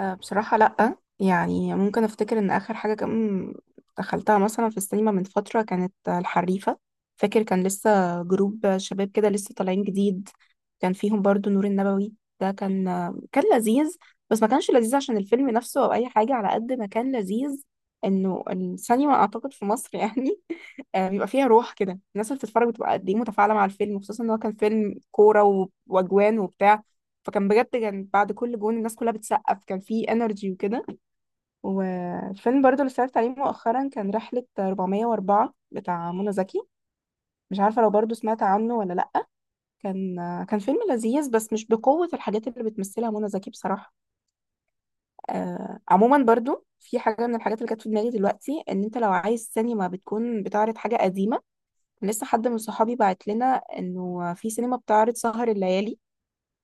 بصراحة لأ يعني ممكن أفتكر إن آخر حاجة كان دخلتها مثلا في السينما من فترة كانت الحريفة. فاكر كان لسه جروب شباب كده لسه طالعين جديد. كان فيهم برضو نور النبوي. ده كان كان لذيذ، بس ما كانش لذيذ عشان الفيلم نفسه أو أي حاجة على قد ما كان لذيذ إنه السينما، أعتقد في مصر يعني بيبقى فيها روح كده. الناس اللي بتتفرج بتبقى قد ايه متفاعله مع الفيلم، خصوصا ان هو كان فيلم كوره واجوان وبتاع. فكان بجد كان بعد كل جون الناس كلها بتسقف، كان فيه انرجي وكده. والفيلم برضو اللي اتفرجت عليه مؤخرا كان رحله 404 بتاع منى زكي، مش عارفه لو برضو سمعت عنه ولا لا. كان كان فيلم لذيذ بس مش بقوه الحاجات اللي بتمثلها منى زكي بصراحه. عموما برضو في حاجه من الحاجات اللي كانت في دماغي دلوقتي، ان انت لو عايز سينما بتكون بتعرض حاجه قديمه، لسه حد من صحابي بعت لنا انه في سينما بتعرض سهر الليالي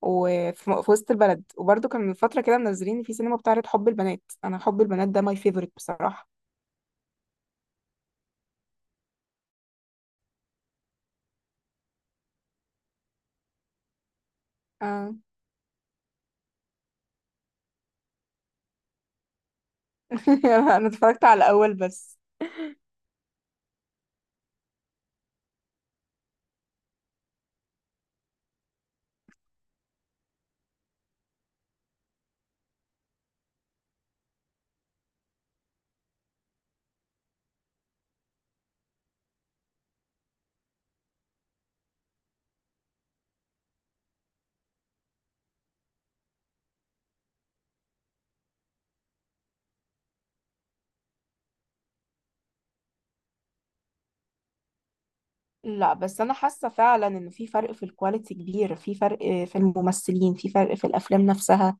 في وسط البلد، وبرده كان من فترة كده منزلين في سينما بتعرض حب البنات. انا حب البنات ده ماي فيفورت بصراحة. آه. انا اتفرجت على الاول بس. لا بس انا حاسة فعلا ان في فرق في الكواليتي كبير، في فرق في الممثلين، في فرق في الافلام نفسها.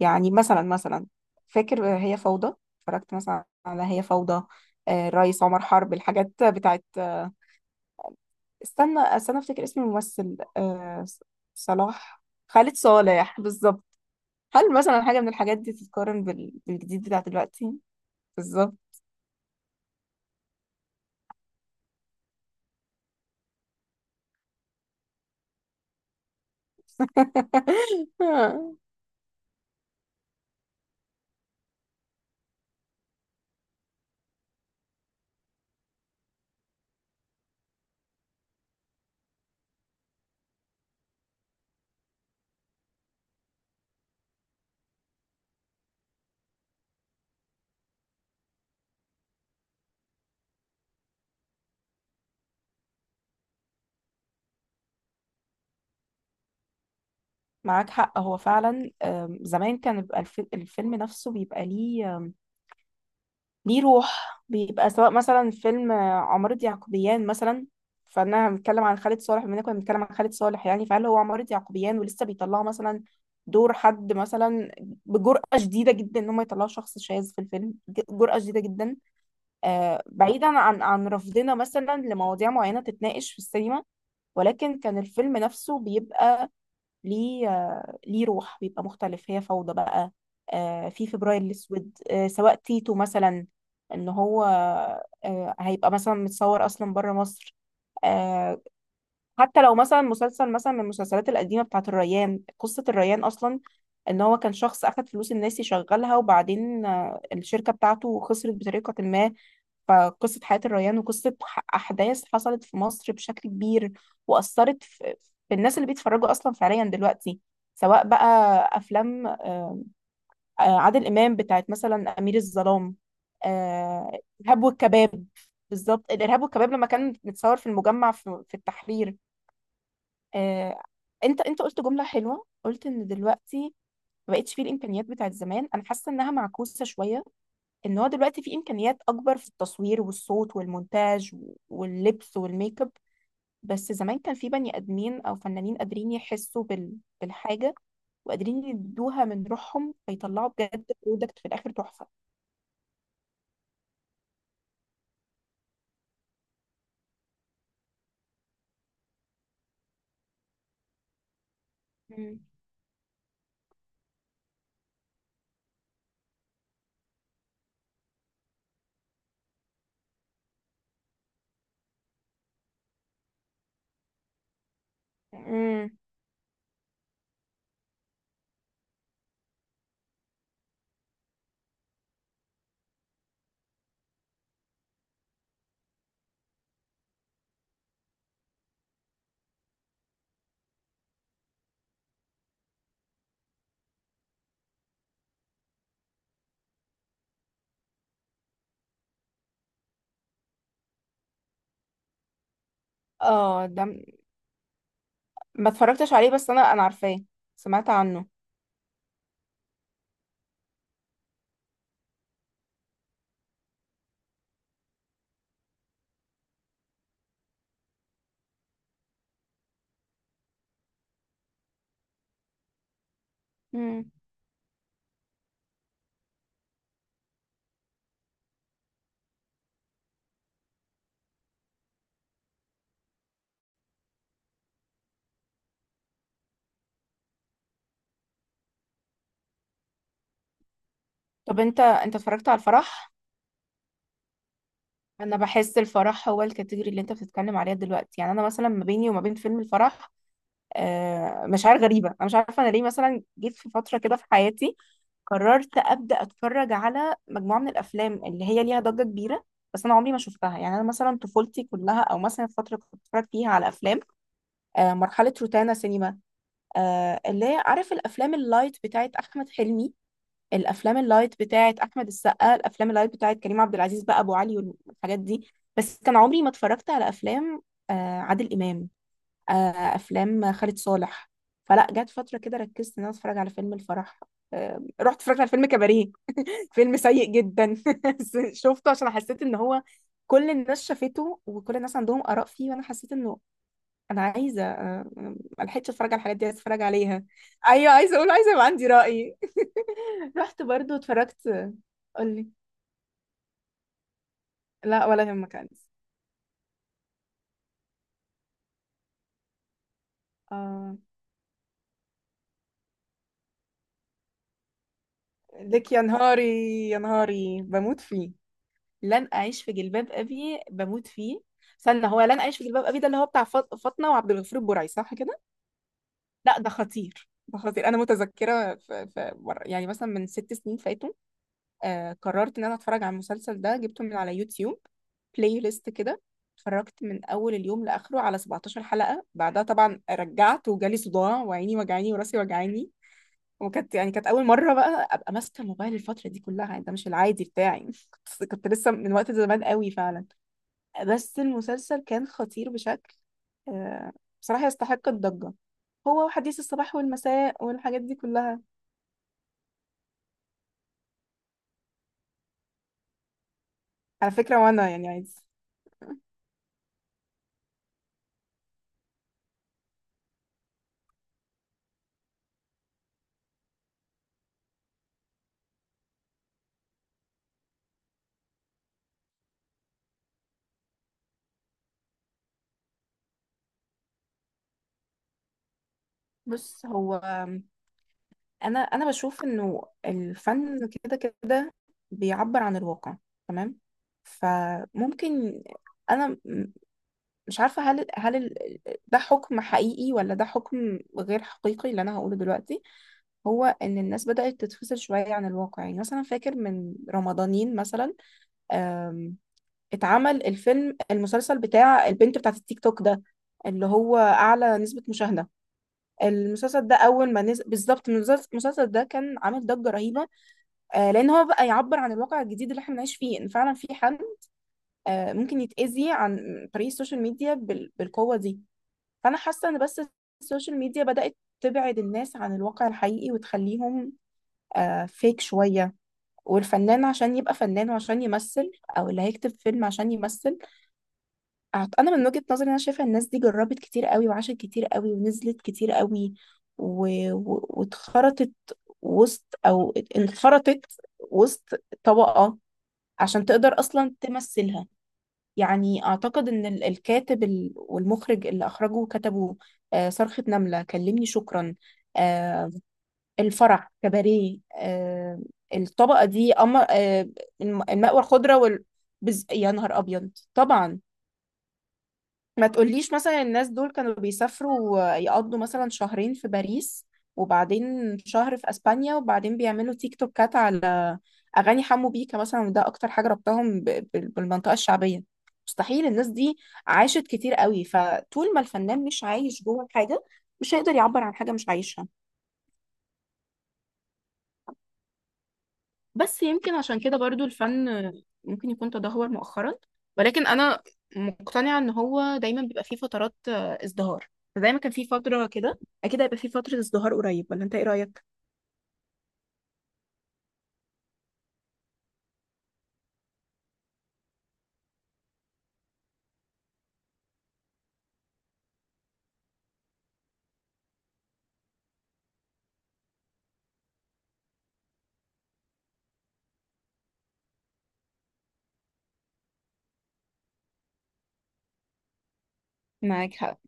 يعني مثلا فاكر هي فوضى، اتفرجت مثلا على هي فوضى. الريس عمر حرب، الحاجات بتاعت استنى استنى افتكر اسم الممثل. آه صلاح، خالد صالح بالظبط. هل مثلا حاجة من الحاجات دي تتقارن بالجديد بتاع دلوقتي؟ بالظبط. معاك حق، هو فعلا زمان كان بيبقى الفيلم نفسه بيبقى ليه روح. بيبقى سواء مثلا فيلم عمارة يعقوبيان مثلا، فانا بنتكلم عن خالد صالح بما إننا كنا بنتكلم عن خالد صالح يعني. فهل هو عمارة يعقوبيان ولسه بيطلعوا مثلا دور حد مثلا بجرأة شديدة جدا ان هم يطلعوا شخص شاذ في الفيلم، جرأة شديدة جدا. آه، بعيدا عن رفضنا مثلا لمواضيع معينة تتناقش في السينما، ولكن كان الفيلم نفسه بيبقى ليه ليه روح، بيبقى مختلف. هي فوضى بقى، في فبراير الأسود، سواء تيتو مثلا، إن هو هيبقى مثلا متصور أصلا بره مصر. آه، حتى لو مثلا مسلسل مثلا من المسلسلات القديمة بتاعة الريان، قصة الريان أصلا، إن هو كان شخص أخد فلوس الناس يشغلها وبعدين الشركة بتاعته خسرت بطريقة ما. فقصة حياة الريان وقصة أحداث حصلت في مصر بشكل كبير وأثرت في الناس اللي بيتفرجوا أصلا فعليا دلوقتي. سواء بقى أفلام عادل إمام بتاعت مثلا أمير الظلام، آه، إرهاب والكباب. بالظبط الإرهاب والكباب لما كان متصور في المجمع في التحرير. آه، أنت قلت جملة حلوة، قلت إن دلوقتي ما بقتش فيه الإمكانيات بتاعت زمان. أنا حاسة إنها معكوسة شوية، ان هو دلوقتي في امكانيات اكبر في التصوير والصوت والمونتاج واللبس والميك اب. بس زمان كان في بني ادمين او فنانين قادرين يحسوا بالحاجه، وقادرين يدوها من روحهم فيطلعوا بجد برودكت في الاخر تحفه. مم. مم. اه ده ما اتفرجتش عليه بس انا عارفاه، سمعت عنه. مم. طب انت اتفرجت على الفرح؟ انا بحس الفرح هو الكاتيجوري اللي انت بتتكلم عليها دلوقتي. يعني انا مثلا ما بيني وما بين فيلم الفرح مشاعر غريبة. أنا مش عارفة أنا ليه مثلا جيت في فترة كده في حياتي قررت أبدأ أتفرج على مجموعة من الأفلام اللي هي ليها ضجة كبيرة بس أنا عمري ما شفتها. يعني أنا مثلا طفولتي كلها أو مثلا الفترة اللي كنت بتفرج فيها على أفلام مرحلة روتانا سينما، اللي هي عارف الأفلام اللايت بتاعت أحمد حلمي، الأفلام اللايت بتاعت أحمد السقا، الأفلام اللايت بتاعت كريم عبد العزيز بقى أبو علي والحاجات دي. بس كان عمري ما اتفرجت على أفلام آه، عادل إمام، آه، افلام خالد صالح. فلا جت فتره كده ركزت ان انا اتفرج على فيلم الفرح، رحت اتفرجت على فيلم كباريه. فيلم سيء جدا بس شفته عشان حسيت ان هو كل الناس شافته وكل الناس عندهم اراء فيه، وانا حسيت انه انا عايزه ما لحقتش اتفرج على الحاجات دي، عايزه اتفرج عليها. ايوه عايزه اقول، عايزه يبقى عندي راي. رحت برضو اتفرجت. قولي. لا ولا يهمك، عايز آه لك يا نهاري، يا نهاري بموت فيه. لن اعيش في جلباب ابي بموت فيه. استنى، هو لن اعيش في جلباب ابي ده اللي هو بتاع فاطمه وعبد الغفور البرعي صح كده؟ لا ده خطير، ده خطير. انا متذكره في مره يعني مثلا من ست سنين فاتوا آه قررت ان انا اتفرج على المسلسل ده، جبته من على يوتيوب بلاي ليست كده، اتفرجت من اول اليوم لاخره على 17 حلقه. بعدها طبعا رجعت وجالي صداع وعيني وجعاني وراسي وجعاني. وكانت يعني كانت اول مره بقى ابقى ماسكه الموبايل الفتره دي كلها، يعني ده مش العادي بتاعي بس كنت لسه من وقت زمان قوي فعلا. بس المسلسل كان خطير بشكل آه، بصراحة يستحق الضجة، هو وحديث الصباح والمساء والحاجات دي كلها. على فكرة وانا يعني عايز بص هو، انا بشوف انه الفن كده كده بيعبر عن الواقع تمام. فممكن انا مش عارفة هل ده حكم حقيقي ولا ده حكم غير حقيقي اللي أنا هقوله دلوقتي. هو إن الناس بدأت تتفصل شوية عن الواقع. يعني مثلا فاكر من رمضانين مثلا آم، اتعمل الفيلم المسلسل بتاع البنت بتاعت التيك توك ده اللي هو أعلى نسبة مشاهدة. المسلسل ده أول ما نزل بالظبط، المسلسل ده كان عامل ضجة رهيبة لأن هو بقى يعبر عن الواقع الجديد اللي احنا بنعيش فيه. إن فعلا في حد ممكن يتأذي عن طريق السوشيال ميديا بالقوة دي. فانا حاسه ان بس السوشيال ميديا بدات تبعد الناس عن الواقع الحقيقي وتخليهم آه فيك شويه. والفنان عشان يبقى فنان وعشان يمثل، او اللي هيكتب فيلم عشان يمثل، انا من وجهه نظري انا شايفه الناس دي جربت كتير قوي وعاشت كتير قوي ونزلت كتير قوي و... واتخرطت وسط او انخرطت وسط طبقه عشان تقدر اصلا تمثلها. يعني أعتقد إن الكاتب والمخرج اللي أخرجوا وكتبوا صرخة نملة، كلمني شكرا، آه، الفرح، كباريه، الطبقة دي أمر، المأوى الخضراء وال بز... يا نهار أبيض طبعا. ما تقوليش مثلا الناس دول كانوا بيسافروا يقضوا مثلا شهرين في باريس وبعدين شهر في اسبانيا وبعدين بيعملوا تيك توكات على اغاني حمو بيكا مثلا، وده اكتر حاجه ربطهم بالمنطقه الشعبيه. مستحيل الناس دي عاشت كتير قوي. فطول ما الفنان مش عايش جوه الحاجه مش هيقدر يعبر عن حاجه مش عايشها. بس يمكن عشان كده برضو الفن ممكن يكون تدهور مؤخرا، ولكن انا مقتنعة ان هو دايما بيبقى فيه فترات ازدهار. فزي ما كان فيه فترة كده اكيد هيبقى فيه فترة ازدهار قريب، ولا انت ايه رأيك؟ معاك حق.